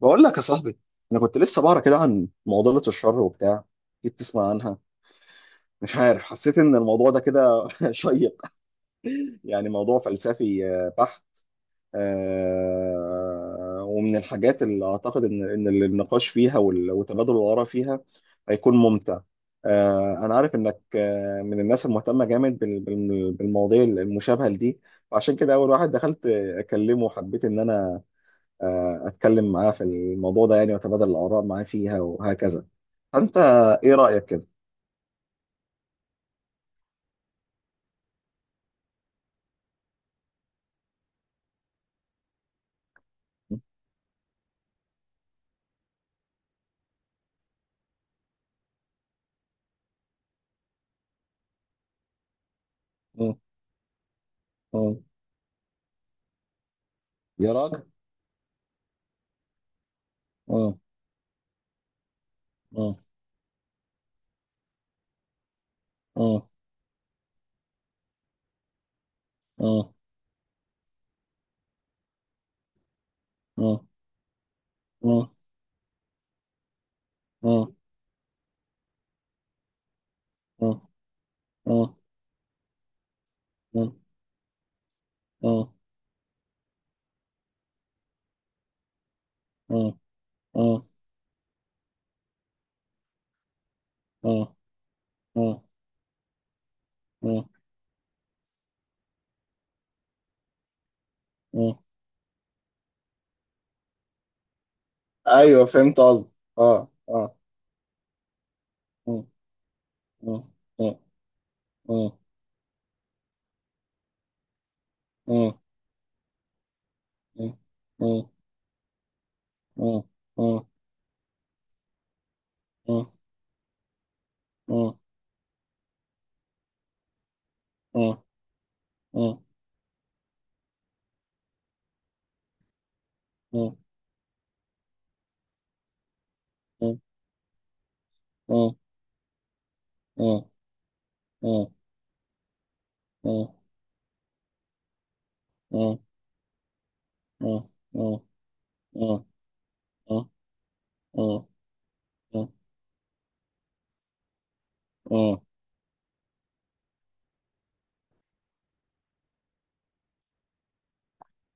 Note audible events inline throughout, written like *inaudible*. بقول لك يا صاحبي، انا كنت لسه بقرا كده عن معضله الشر وبتاع. جيت تسمع عنها. مش عارف، حسيت ان الموضوع ده كده *laughs* شيق. يعني موضوع فلسفي بحت. ومن الحاجات اللي اعتقد ان النقاش فيها وتبادل الاراء فيها هيكون ممتع. انا عارف انك من الناس المهتمه جامد بالمواضيع المشابهه لدي. وعشان كده اول واحد دخلت اكلمه وحبيت ان انا اتكلم معاه في الموضوع ده، يعني واتبادل الاراء معاه فيها وهكذا. فانت ايه رايك كده؟ مم، مم، يا راجل، مم، مم، مم، مم، مم، مم، مم، مم، مم، مم، مم، مم، مم، مم، مم، مم، مم. ايوه فهمت قصدي، اه اه. مم، مم، مم، مم، مم، مم، مم، مم، مم، مم، مم، مم، مم، مم، مم، مم، مم، مم. مم. اه، اه، اه، اه، اه، اه، اه.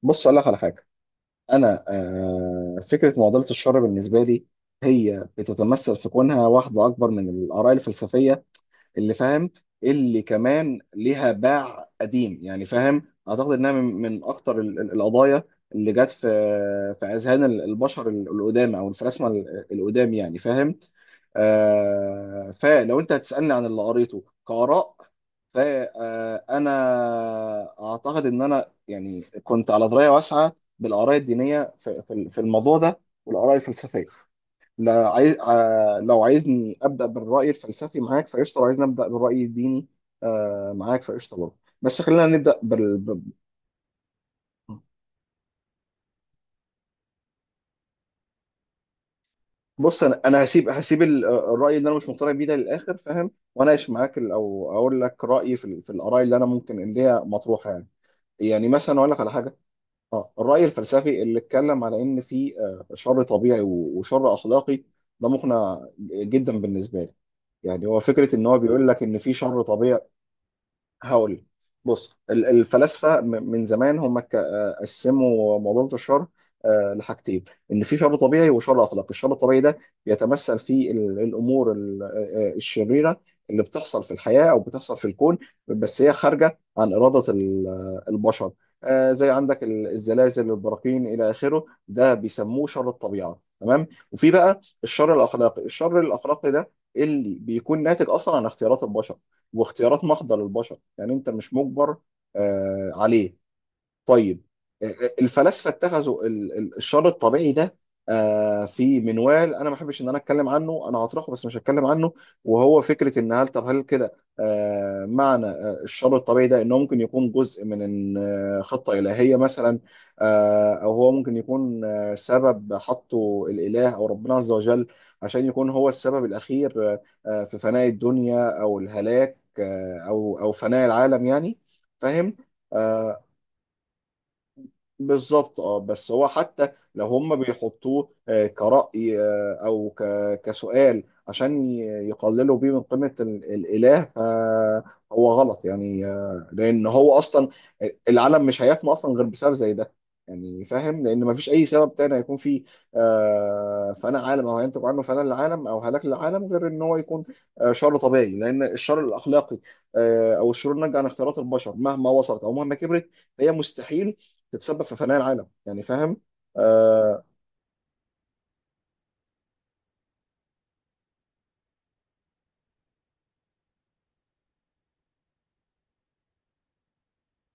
بص اقول لك على حاجه. انا فكره معضله الشر بالنسبه لي هي بتتمثل في كونها واحده اكبر من الاراء الفلسفيه اللي فاهم، اللي كمان ليها باع قديم يعني فاهم. اعتقد انها من اكتر القضايا اللي جت في اذهان البشر القدام او الفلاسفه القدام يعني فاهم. فلو انت هتسالني عن اللي قريته كاراء، فانا اعتقد ان انا يعني كنت على درايه واسعه بالاراء الدينيه في الموضوع ده والاراء الفلسفيه. لا عايز لو عايزني ابدا بالراي الفلسفي معاك فقشطه، لو عايزني ابدا بالراي الديني معاك فقشطه برضه. بس خلينا نبدا بص انا هسيب الراي اللي انا مش مقتنع بيه ده للاخر فاهم، واناقش معاك او اقول لك رايي في في الاراء اللي انا ممكن اللي هي مطروحه يعني. يعني مثلا اقول لك على حاجه. اه الراي الفلسفي اللي اتكلم على ان في شر طبيعي وشر اخلاقي ده مقنع جدا بالنسبه لي. يعني هو فكره ان هو بيقول لك ان في شر طبيعي. هقول، بص الفلاسفه من زمان هم قسموا معضله الشر لحاجتين: ان في شر طبيعي وشر اخلاقي. الشر الطبيعي ده بيتمثل في الامور الشريره اللي بتحصل في الحياه او بتحصل في الكون، بس هي خارجه عن اراده البشر. زي عندك الزلازل، البراكين، الى اخره. ده بيسموه شر الطبيعه، تمام. وفي بقى الشر الاخلاقي. الشر الاخلاقي ده اللي بيكون ناتج اصلا عن اختيارات البشر، واختيارات محضة للبشر. يعني انت مش مجبر عليه. طيب. الفلاسفه اتخذوا الشر الطبيعي ده في منوال، انا ما احبش ان انا اتكلم عنه، انا هطرحه بس مش هتكلم عنه. وهو فكره ان هل، طب هل كده معنى الشر الطبيعي ده انه ممكن يكون جزء من خطه الهيه مثلا، او هو ممكن يكون سبب حطه الاله او ربنا عز وجل عشان يكون هو السبب الاخير في فناء الدنيا او الهلاك، او فناء العالم يعني. فاهم. آه، بالظبط اه. بس هو حتى لو هم بيحطوه كرأي او كسؤال عشان يقللوا بيه من قيمة الإله، فهو غلط. يعني لأن هو أصلا العالم مش هيفنى أصلا غير بسبب زي ده، يعني فاهم، لأن مفيش أي سبب تاني هيكون فيه. فأنا عالم أو هينتج عنه فناء العالم أو هلاك للعالم غير إن هو يكون شر طبيعي. لأن الشر الأخلاقي أو الشرور الناتجة عن اختيارات البشر مهما وصلت أو مهما كبرت فهي مستحيل تتسبب في فناء العالم يعني فاهم. آه.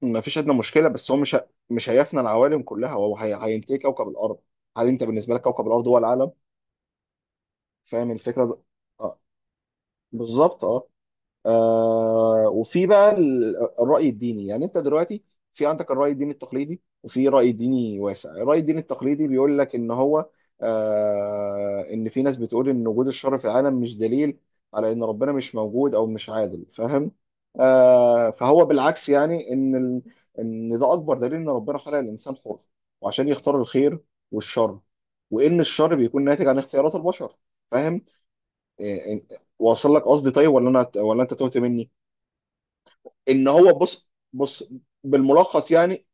ما فيش ادنى مشكله، بس هو مش هيفنى العوالم كلها، هو هينتهي كوكب الارض. هل انت بالنسبه لك كوكب الارض هو العالم؟ فاهم الفكره ده؟ آه، بالظبط اه. آه وفي بقى الرأي الديني. يعني انت دلوقتي في عندك الرأي الديني التقليدي وفي رأي ديني واسع. الرأي الديني التقليدي بيقول لك ان هو ان في ناس بتقول ان وجود الشر في العالم مش دليل على ان ربنا مش موجود او مش عادل، فاهم. فهو بالعكس، يعني ان ال... ان ده اكبر دليل ان ربنا خلق الانسان حر، وعشان يختار الخير والشر، وان الشر بيكون ناتج عن اختيارات البشر، فاهم. إيه- واصل لك قصدي، طيب، ولا انا ولا انت تهت مني؟ ان هو، بص بص، بالملخص يعني.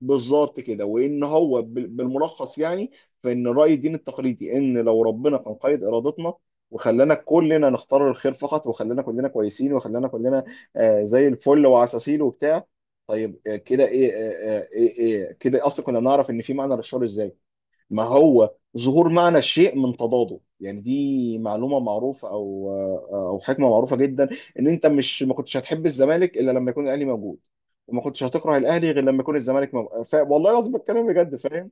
بالظبط كده. وان هو بالملخص يعني، فان راي الدين التقليدي ان لو ربنا كان قيد ارادتنا وخلانا كلنا نختار الخير فقط، وخلانا كلنا كويسين، وخلانا كلنا زي الفل وعساسين وبتاع، طيب آه كده ايه، ايه، ايه كده اصلا كنا نعرف ان في معنى للشر ازاي؟ ما هو ظهور معنى الشيء من تضاده، يعني دي معلومة معروفة، أو حكمة معروفة جدا. إن أنت مش ما كنتش هتحب الزمالك إلا لما يكون الأهلي موجود، وما كنتش هتكره الأهلي غير لما يكون الزمالك موجود. ف... والله العظيم بتكلم بجد فاهم.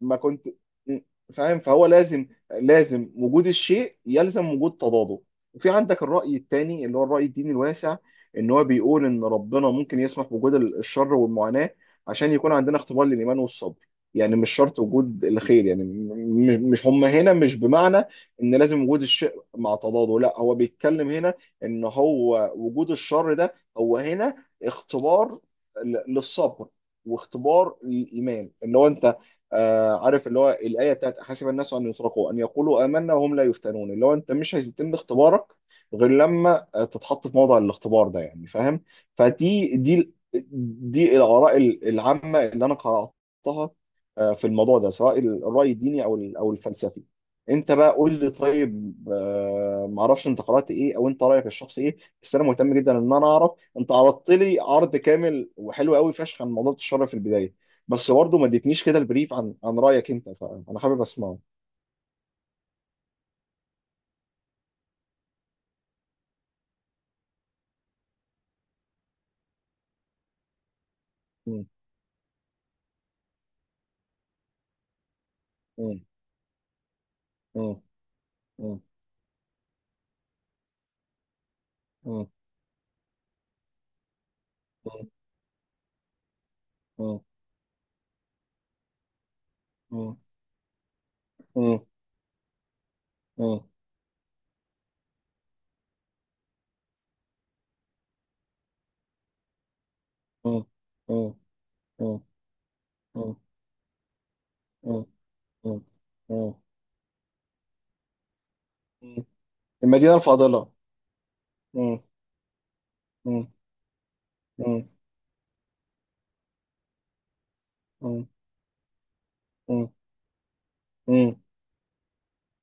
ما كنت م- فاهم. فهو لازم، لازم وجود الشيء يلزم وجود تضاده. وفي عندك الرأي الثاني اللي هو الرأي الديني الواسع، ان هو بيقول ان ربنا ممكن يسمح بوجود الشر والمعاناة عشان يكون عندنا اختبار للإيمان والصبر. يعني مش شرط وجود الخير، يعني مش هم هنا مش بمعنى ان لازم وجود الشيء مع تضاده، لا هو بيتكلم هنا ان هو وجود الشر ده هو هنا اختبار للصبر واختبار للإيمان. ان هو انت عارف اللي هو الايه بتاعت حسب الناس ان يتركوا ان يقولوا امنا وهم لا يفتنون، اللي هو انت مش هيتم اختبارك غير لما تتحط في موضع الاختبار ده يعني فاهم. فدي دي الاراء العامه اللي انا قراتها في الموضوع ده، سواء الراي الديني او او الفلسفي. انت بقى قول لي، طيب معرفش انت قرات ايه او انت رايك الشخصي ايه. بس انا مهتم جدا ان انا اعرف. انت عرضت لي عرض كامل وحلو قوي فشخ عن موضوع الشر في البدايه، بس برضه ما اديتنيش كده البريف عن رايك انت، فانا حابب اسمعه. م- م- م- م- م- م- م- م- م- م- م- م- م- م- م- م- م. المدينه الفاضله. م- م- م- م- م- م- م-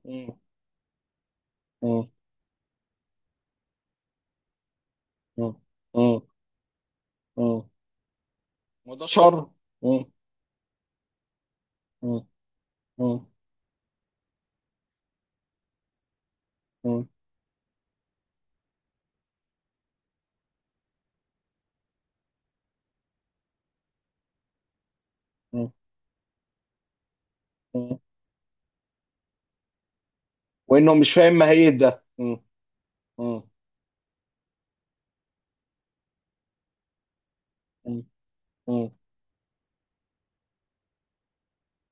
م- م- م- م. وده شر. م- م- م- م- م- م. وانه مش فاهم ماهيه ده. م- م- م- م-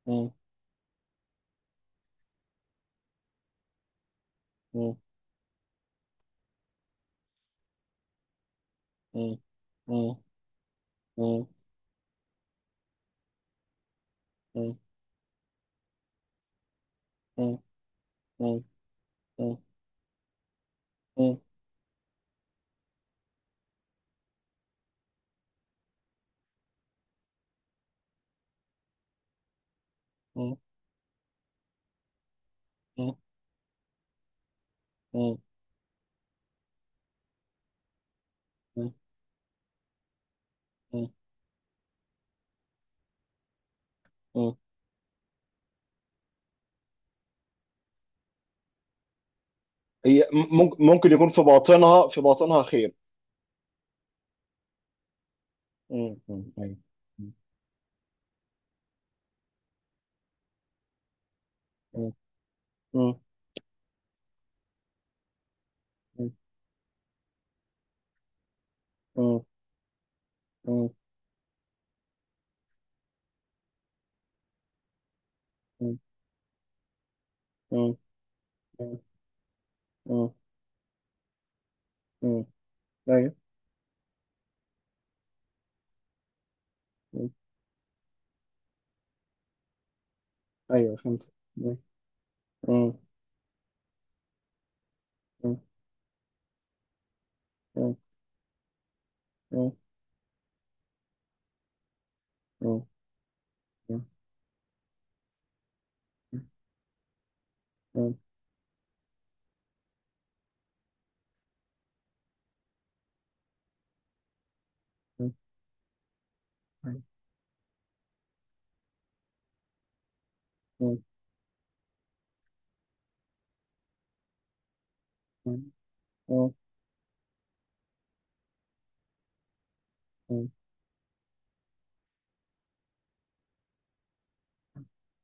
م- م- م- مم. مم. مم. مم. مم. مم. مم. مم. مم. مم. مم. مم. هي ممكن ممكن يكون في باطنها في باطنها خير. مم. مم. ايوه. مم. مم. مم. مم. مم. مم. مم. مم. مم. أيوة. مم. أيوة، فهمت. مم. مم. مم. مم. مم. مم. مم. مم. مم. مم. مم. مم.